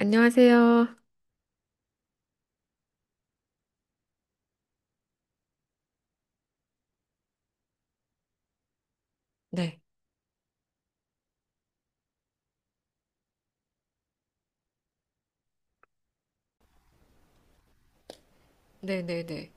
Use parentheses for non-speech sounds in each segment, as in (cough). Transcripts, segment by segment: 안녕하세요. 네, 네, 네, 네.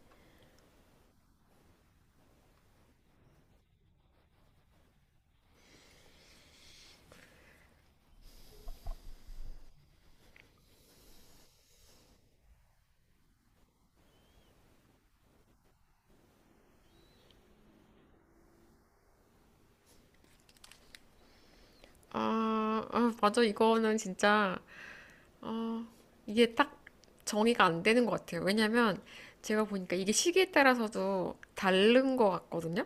아, 아, 맞아. 이거는 진짜, 어, 이게 딱 정의가 안 되는 것 같아요. 왜냐면 제가 보니까 이게 시기에 따라서도 다른 것 같거든요.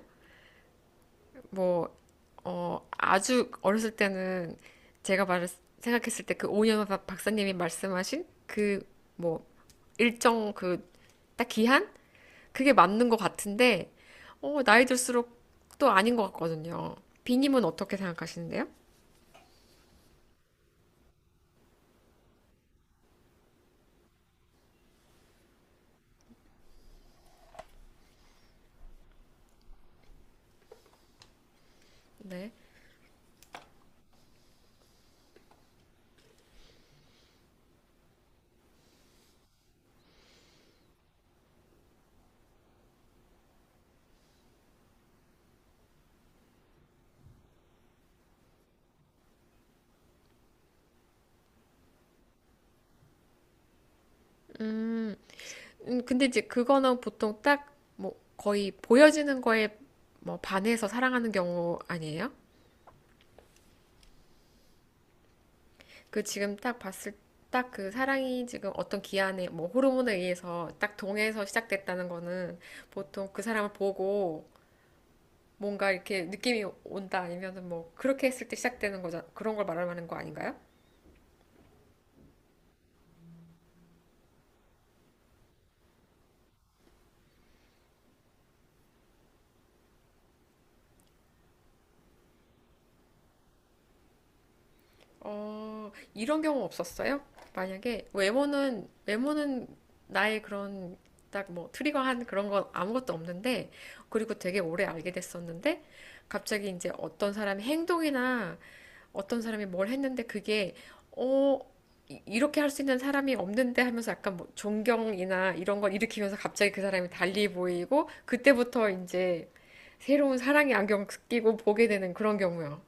뭐, 아주 어렸을 때는 제가 생각했을 때 그 오년 박사님이 말씀하신 그, 뭐, 일정 그, 딱 기한? 그게 맞는 것 같은데, 나이 들수록 또 아닌 것 같거든요. 비님은 어떻게 생각하시는데요? 네. 음, 근데 이제 그거는 보통 딱, 뭐, 거의 보여지는 거에 뭐, 반해서 사랑하는 경우 아니에요? 그 지금 딱 봤을 딱 그 사랑이 지금 어떤 기한에 뭐 호르몬에 의해서 딱 동해서 시작됐다는 거는 보통 그 사람을 보고 뭔가 이렇게 느낌이 온다 아니면은 뭐 그렇게 했을 때 시작되는 거잖아. 그런 걸 말하는 거 아닌가요? 이런 경우 없었어요? 만약에 외모는 나의 그런 딱 뭐 트리거한 그런 건 아무것도 없는데 그리고 되게 오래 알게 됐었는데 갑자기 이제 어떤 사람의 행동이나 어떤 사람이 뭘 했는데 그게 어 이렇게 할 수 있는 사람이 없는데 하면서 약간 뭐 존경이나 이런 걸 일으키면서 갑자기 그 사람이 달리 보이고 그때부터 이제 새로운 사랑의 안경 끼고 보게 되는 그런 경우요.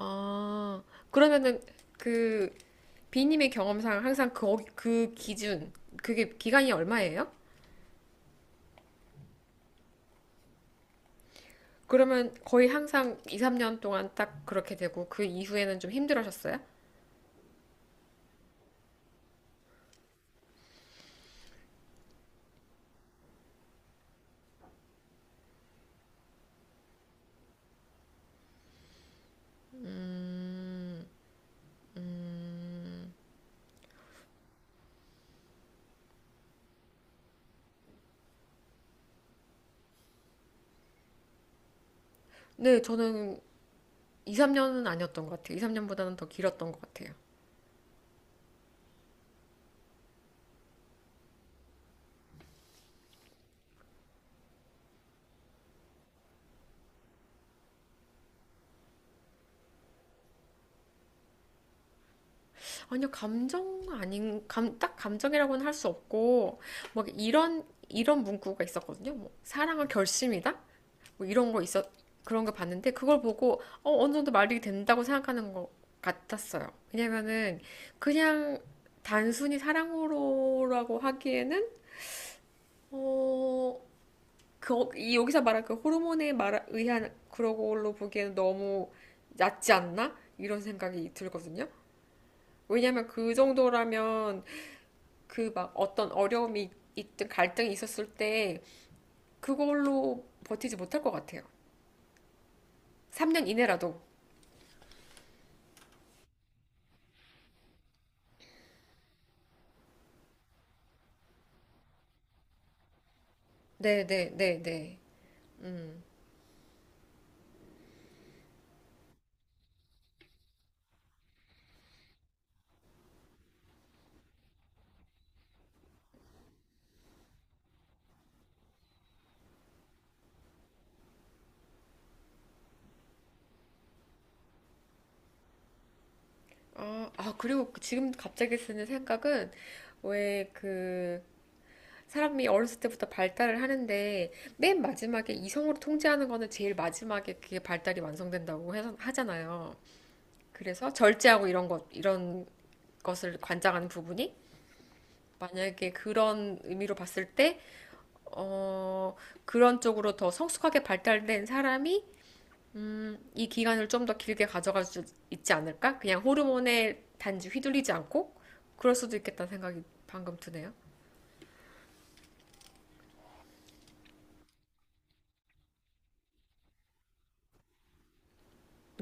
아, 그러면은 그 b 님의 경험상 항상 그게 기간이 얼마예요? 그러면 거의 항상 2, 3년 동안 딱 그렇게 되고 그 이후에는 좀 힘들어하셨어요? 네, 저는 2, 3년은 아니었던 것 같아요. 2, 3년보다는 더 길었던 것 같아요. 아니요, 딱 감정이라고는 할 수 없고, 막 이런 문구가 있었거든요. 뭐, 사랑은 결심이다? 뭐 이런 거 있었 그런 거 봤는데 그걸 보고 어느 정도 말이 된다고 생각하는 것 같았어요. 왜냐면은 그냥 단순히 사랑으로라고 하기에는 어, 이 여기서 말한 그 호르몬에 말 의한 그런 걸로 보기에는 너무 얕지 않나? 이런 생각이 들거든요. 왜냐면 그 정도라면 그 막 어떤 어려움이 있든 갈등이 있었을 때 그걸로 버티지 못할 것 같아요. 3년 이내라도. 네, 네, 네, 네. 아, 아, 그리고 그 지금 갑자기 쓰는 생각은 왜 그 사람이 어렸을 때부터 발달을 하는데 맨 마지막에 이성으로 통제하는 거는 제일 마지막에 그게 발달이 완성된다고 하잖아요. 그래서 절제하고 이런 것을 관장하는 부분이 만약에 그런 의미로 봤을 때, 어, 그런 쪽으로 더 성숙하게 발달된 사람이 이 기간을 좀 더 길게 가져갈 수 있지 않을까? 그냥 호르몬에 단지 휘둘리지 않고 그럴 수도 있겠다는 생각이 방금 드네요.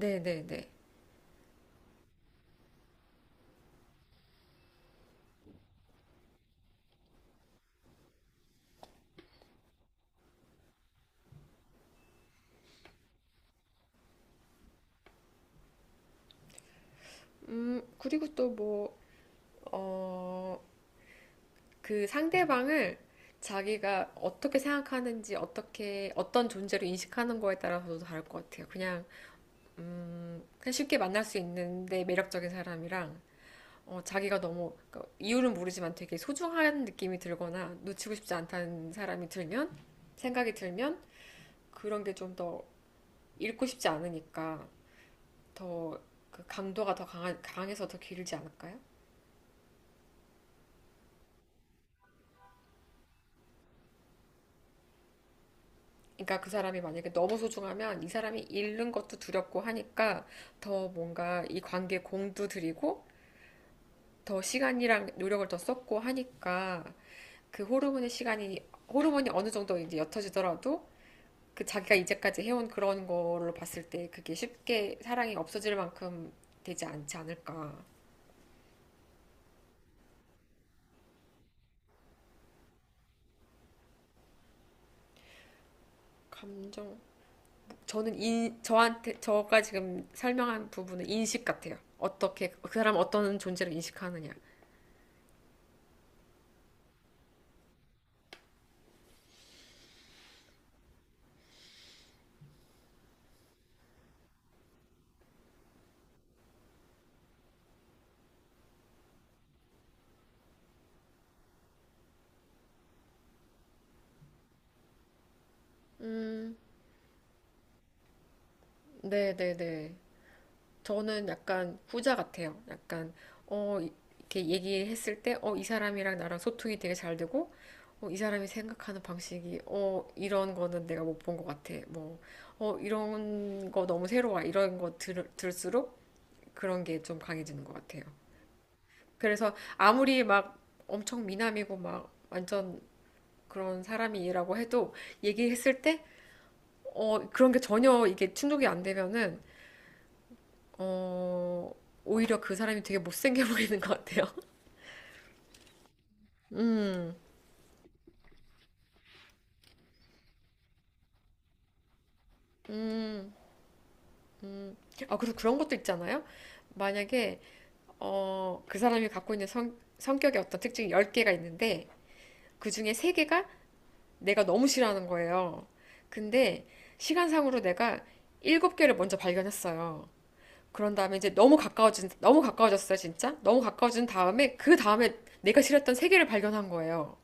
네네네. 그리고 또 뭐, 어, 그 상대방을 자기가 어떻게 생각하는지, 어떻게, 어떤 존재로 인식하는 거에 따라서도 다를 것 같아요. 그냥 쉽게 만날 수 있는데 매력적인 사람이랑 자기가 너무 그러니까 이유는 모르지만 되게 소중한 느낌이 들거나 놓치고 싶지 않다는 사람이 들면 생각이 들면 그런 게 좀 더 읽고 싶지 않으니까 더 그 강도가 더 강해서 더 길지 않을까요? 그러니까 그 사람이 만약에 너무 소중하면 이 사람이 잃는 것도 두렵고 하니까 더 뭔가 이 관계에 공도 들이고 더 시간이랑 노력을 더 썼고 하니까 그 호르몬의 시간이 호르몬이 어느 정도 이제 옅어지더라도 그 자기가 이제까지 해온 그런 걸로 봤을 때 그게 쉽게 사랑이 없어질 만큼 되지 않지 않을까. 감정, 저는 저가 지금 설명한 부분은 인식 같아요. 어떻게, 그 사람 어떤 존재를 인식하느냐. 네네네. 저는 약간 후자 같아요. 약간 이- 렇게 얘기했을 때 이 사람이랑 나랑 소통이 되게 잘 되고 이 사람이 생각하는 방식이 이런 거는 내가 못 본 것 같아. 뭐 이런 거 너무 새로워. 이런 거 들을수록 그런 게 좀 강해지는 것 같아요. 그래서 아무리 막 엄청 미남이고 막 완전 그런 사람이라고 해도 얘기했을 때 그런 게 전혀 이게 충족이 안 되면은 어, 오히려 그 사람이 되게 못생겨 보이는 것 같아요. (laughs) 음, 음. 아, 그리고 그런 것도 있잖아요. 만약에, 그 사람이 갖고 있는 성격의 어떤 특징이 10개가 있는데, 그 중에 3개가 내가 너무 싫어하는 거예요. 근데, 시간상으로 내가 7개를 먼저 발견했어요. 그런 다음에 이제 너무 가까워졌어요, 진짜. 너무 가까워진 다음에, 그 다음에 내가 싫었던 3개를 발견한 거예요.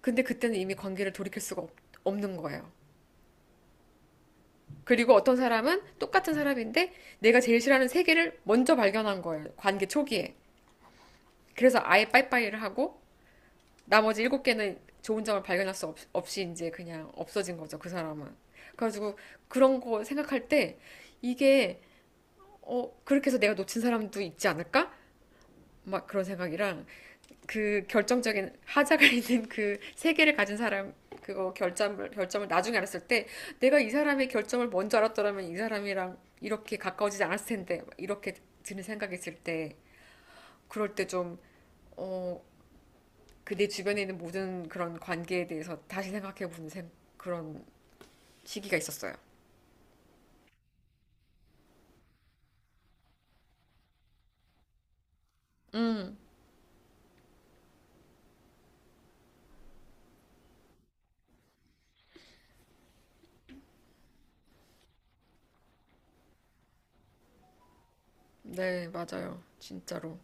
근데 그때는 이미 관계를 돌이킬 수가 없는 거예요. 그리고 어떤 사람은 똑같은 사람인데 내가 제일 싫어하는 세 개를 먼저 발견한 거예요. 관계 초기에. 그래서 아예 빠이빠이를 하고 나머지 일곱 개는 좋은 점을 발견할 수 없이 이제 그냥 없어진 거죠. 그 사람은. 그래가지고 그런 거 생각할 때 이게 그렇게 해서 내가 놓친 사람도 있지 않을까? 막 그런 생각이랑 그 결정적인 하자가 있는 (laughs) 그 세계를 가진 사람 그거 결점을 나중에 알았을 때 내가 이 사람의 결점을 먼저 알았더라면 이 사람이랑 이렇게 가까워지지 않았을 텐데 이렇게 드는 생각이 있을 때 그럴 때 좀 어 그 내 주변에 있는 모든 그런 관계에 대해서 다시 생각해 보는 그런 시기가 있었어요. 네, 맞아요. 진짜로.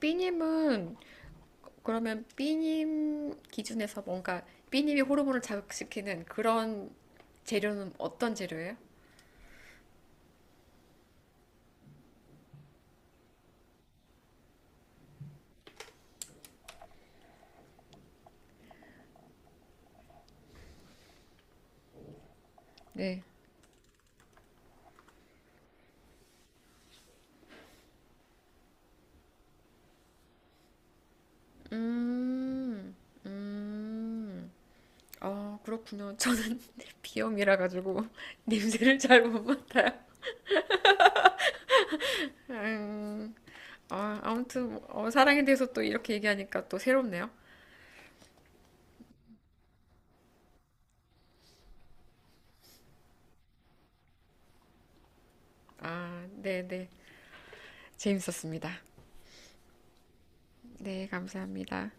삐님은 그러면 B님 기준에서 뭔가 B님이 호르몬을 자극시키는 그런 재료는 어떤 재료예요? 네. 음, 음, 아, 그렇군요. 저는 (laughs) 비염이라 가지고 (laughs) 냄새를 잘 못 맡아요. 음, 아, 아무튼 뭐, 사랑에 대해서 또 이렇게 얘기하니까 또 새롭네요. 아, 네, 네. 재밌었습니다. 네, 감사합니다.